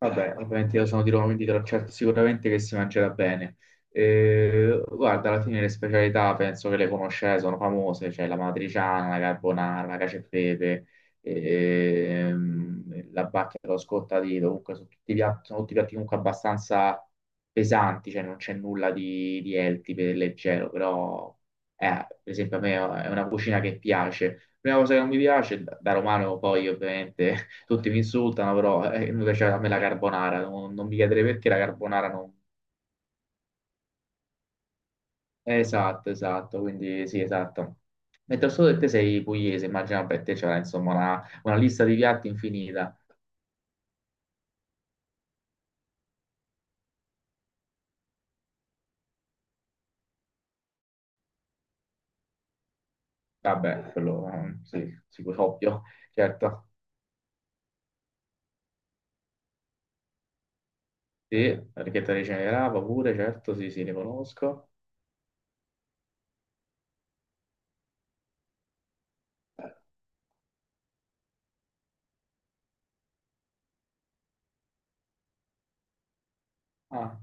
Vabbè, ovviamente io sono di Roma, quindi te lo certo sicuramente che si mangerà bene. Guarda, alla fine le specialità penso che le conoscete, sono famose, c'è la matriciana, la carbonara, la cacio e pepe, la bacchia dello scottadito, comunque sono tutti piatti comunque abbastanza pesanti, cioè non c'è nulla di healthy, per leggero, però eh, per esempio a me è una cucina che piace. Prima cosa che non mi piace, da romano poi ovviamente tutti mi insultano, però mi piace a me la carbonara, non mi chiederei perché la carbonara non... Esatto, esatto, quindi sì, esatto. Mentre al sud te sei pugliese, immagino per te c'era insomma una lista di piatti infinita. Vabbè, quello sì, sicuro, ovvio, certo. Sì, la richietta di Cenerava pure, certo, sì, sì, ne conosco. Ah,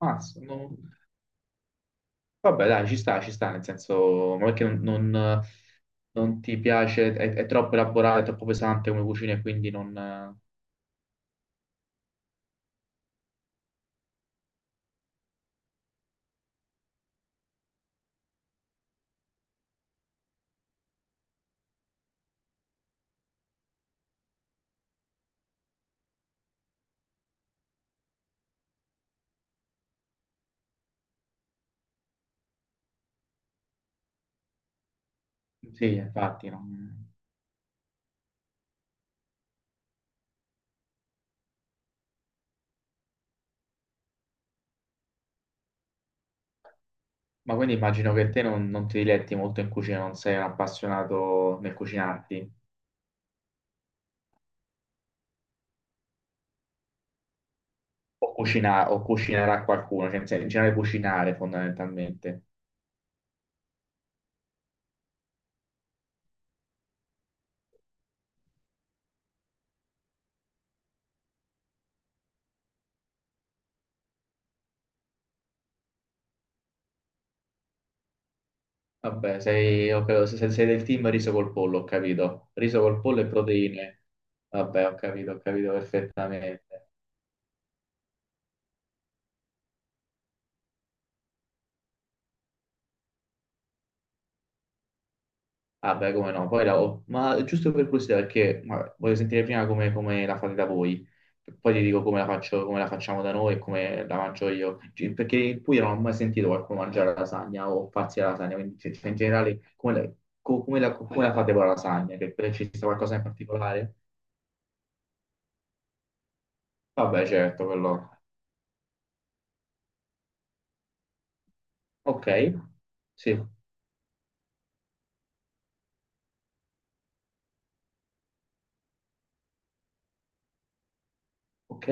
mazza, non- Vabbè, dai, ci sta, nel senso, ma perché non, non- non ti piace, è troppo elaborato, è troppo pesante come cucina e quindi non, Sì, infatti. Ma quindi immagino che te non ti diletti molto in cucina, non sei un appassionato nel cucinarti o, cucina, o cucinerà qualcuno, cioè in generale cucinare fondamentalmente. Vabbè, ho capito, se sei del team riso col pollo, ho capito. Riso col pollo e proteine. Vabbè, ho capito perfettamente. Ah, beh, come no, poi la... Ma giusto per curiosità, perché ma, voglio sentire prima come la fate da voi, poi ti dico come la faccio, come la facciamo da noi e come la mangio io. Cioè, perché in Puglia non ho mai sentito qualcuno mangiare la lasagna o farsi la lasagna, quindi in generale come la, come la fate voi la lasagna? Che ci sta qualcosa in particolare? Vabbè, certo, quello. Ok, sì, ok,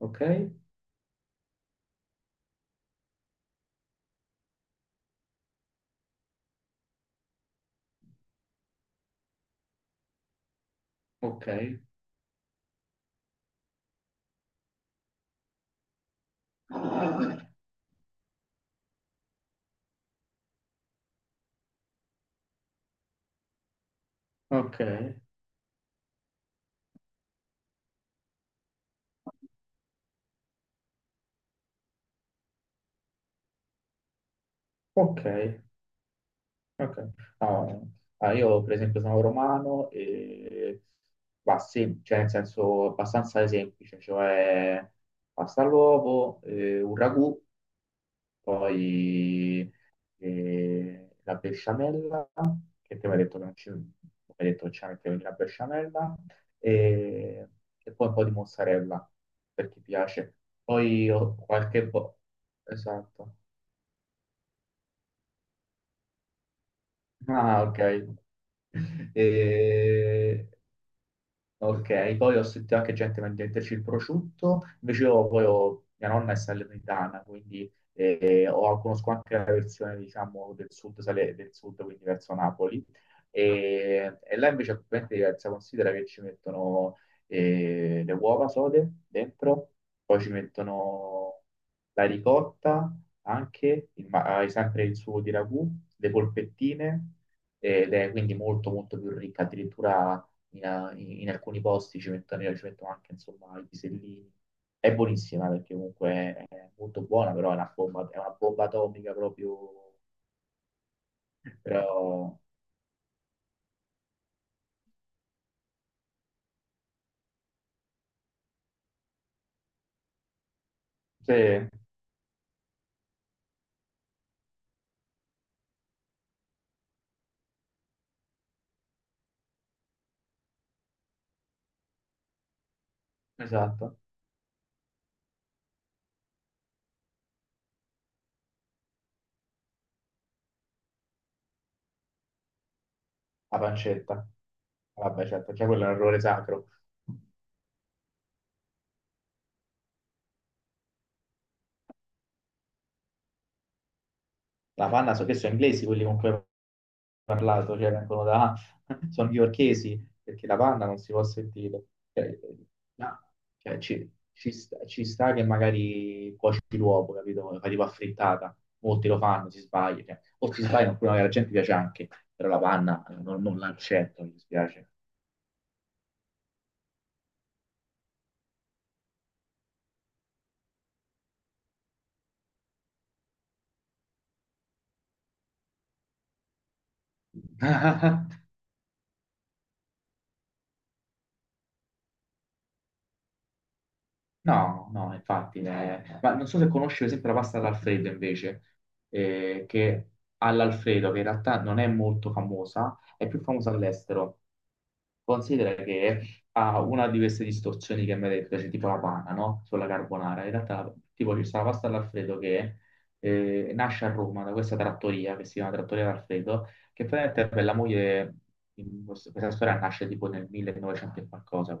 ok, ok, ok, ok. Ok. No, ah, io per esempio sono romano e cioè nel senso abbastanza semplice, cioè pasta all'uovo, un ragù, poi la besciamella, che te mi hai detto che non ci, mi hai detto che ci mettevi la besciamella, e, e poi un po' di mozzarella, per chi piace. Poi ho qualche po'... Esatto. Ah, ok. E- Ok, poi ho sentito anche gente venderci il prosciutto, invece io poi mia nonna è salernitana, quindi conosco anche la versione, diciamo, del sud, del sud, quindi verso Napoli, e là invece è completamente diversa, considera che ci mettono le uova sode dentro, poi ci mettono la ricotta, anche, il hai sempre il sugo di ragù, le polpettine, ed è quindi molto molto più ricca, addirittura in alcuni posti ci mettono, io ci metto anche insomma i pisellini. È buonissima perché comunque è molto buona, però è una bomba atomica proprio. Però sì, esatto, la pancetta. Vabbè, certo, cioè quello è un errore sacro. La panna, so che sono inglesi quelli con cui parlato, cioè vengono da, sono newyorkesi, perché la panna non si può sentire. Cioè, no, cioè, ci sta che magari cuoci l'uovo, capito? Fai tipo affrittata, molti lo fanno, si sbagliano, cioè, o si sbagliano, oppure magari la gente piace anche, però la panna non l'accetto, mi dispiace. No, no, infatti, ma non so se conosci per esempio la pasta all'alfredo invece, che all'alfredo, che in realtà non è molto famosa, è più famosa all'estero. Considera che ha una di queste distorsioni che mi hai detto, cioè tipo la panna, no? Sulla carbonara. In realtà, tipo, ci sta la pasta all'alfredo che nasce a Roma da questa trattoria che si chiama Trattoria d'Alfredo, che praticamente per la moglie, in questa storia nasce tipo nel 1900 e qualcosa,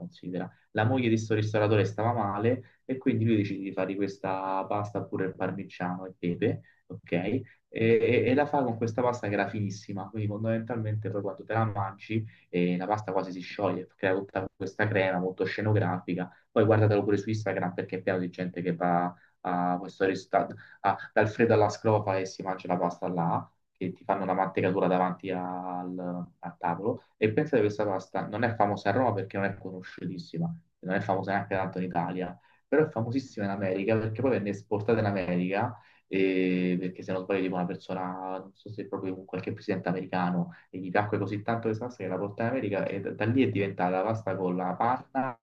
la moglie di sto ristoratore stava male e quindi lui decide di fare questa pasta pure al parmigiano e pepe, ok? E, e la fa con questa pasta che era finissima, quindi fondamentalmente poi quando te la mangi la pasta quasi si scioglie, crea tutta questa crema molto scenografica. Poi guardatelo pure su Instagram perché è pieno di gente che va a questo ristorante, a- dal freddo alla scrofa e si mangia la pasta là, che ti fanno la mantecatura davanti al, al tavolo. E pensa che questa pasta non è famosa a Roma perché non è conosciutissima, non è famosa neanche tanto in Italia, però è famosissima in America perché poi venne esportata in America. Perché se non sbaglio tipo una persona, non so se è proprio un qualche presidente americano, e gli piacque così tanto questa pasta che la portò in America e da lì è diventata la pasta con la panna,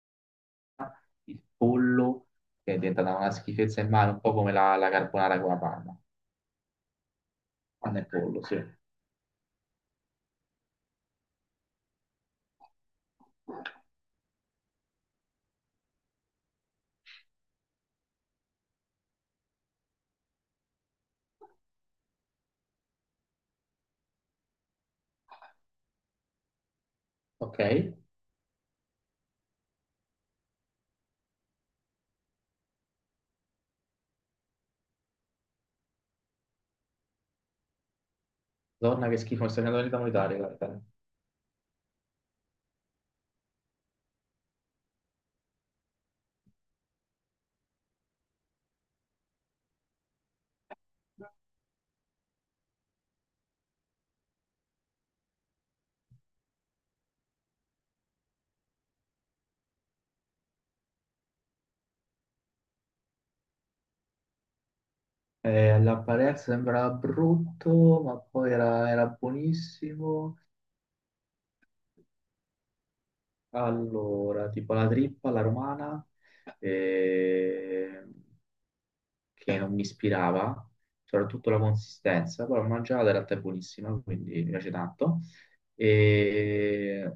il pollo, che è diventata una schifezza in mano, un po' come la, la carbonara con la panna. Panna e pollo, sì. Ok, donna che schifo, mi sta venendo l'unità monetaria, guarda. All'apparenza sembrava brutto, ma poi era buonissimo. Allora, tipo la trippa alla romana, eh, che non mi ispirava, soprattutto la consistenza, però l'ho mangiata, in realtà è buonissima, quindi mi piace tanto. E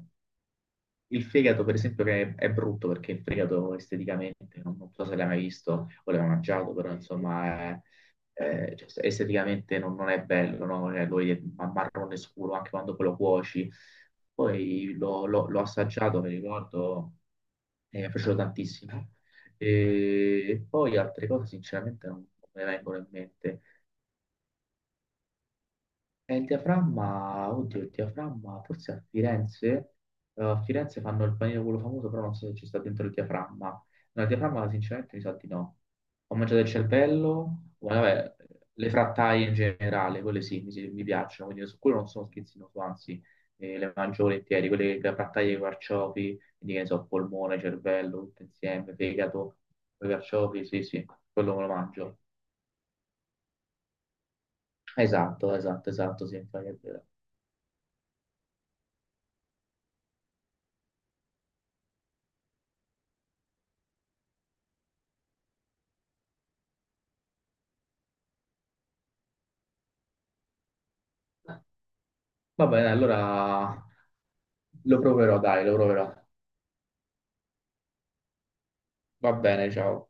il fegato, per esempio, che è brutto perché il fegato esteticamente, non so se l'hai mai visto o l'hai mai mangiato, però insomma, cioè, esteticamente non è bello, no? Lo vedi marrone scuro anche quando poi lo cuoci. Poi l'ho assaggiato, mi ricordo, e mi è piaciuto tantissimo. E poi altre cose, sinceramente, non me ne vengono in mente. E il diaframma, oddio, il diaframma, forse a Firenze fanno il panino quello famoso, però non so se ci sta dentro il diaframma. No, il diaframma sinceramente mi sa di no. Ho mangiato il cervello, vabbè, le frattaie in generale, quelle sì, mi piacciono, quindi su quello non sono schizzinoso, anzi, le mangio volentieri, quelle le frattaie con i carciofi, quindi che ne so, polmone, cervello, tutto insieme, fegato, con i carciofi, sì, sì, quello me lo mangio. Esatto, esatto, esatto, sì, infatti è vero. Va bene, allora lo proverò, dai, lo proverò. Va bene, ciao.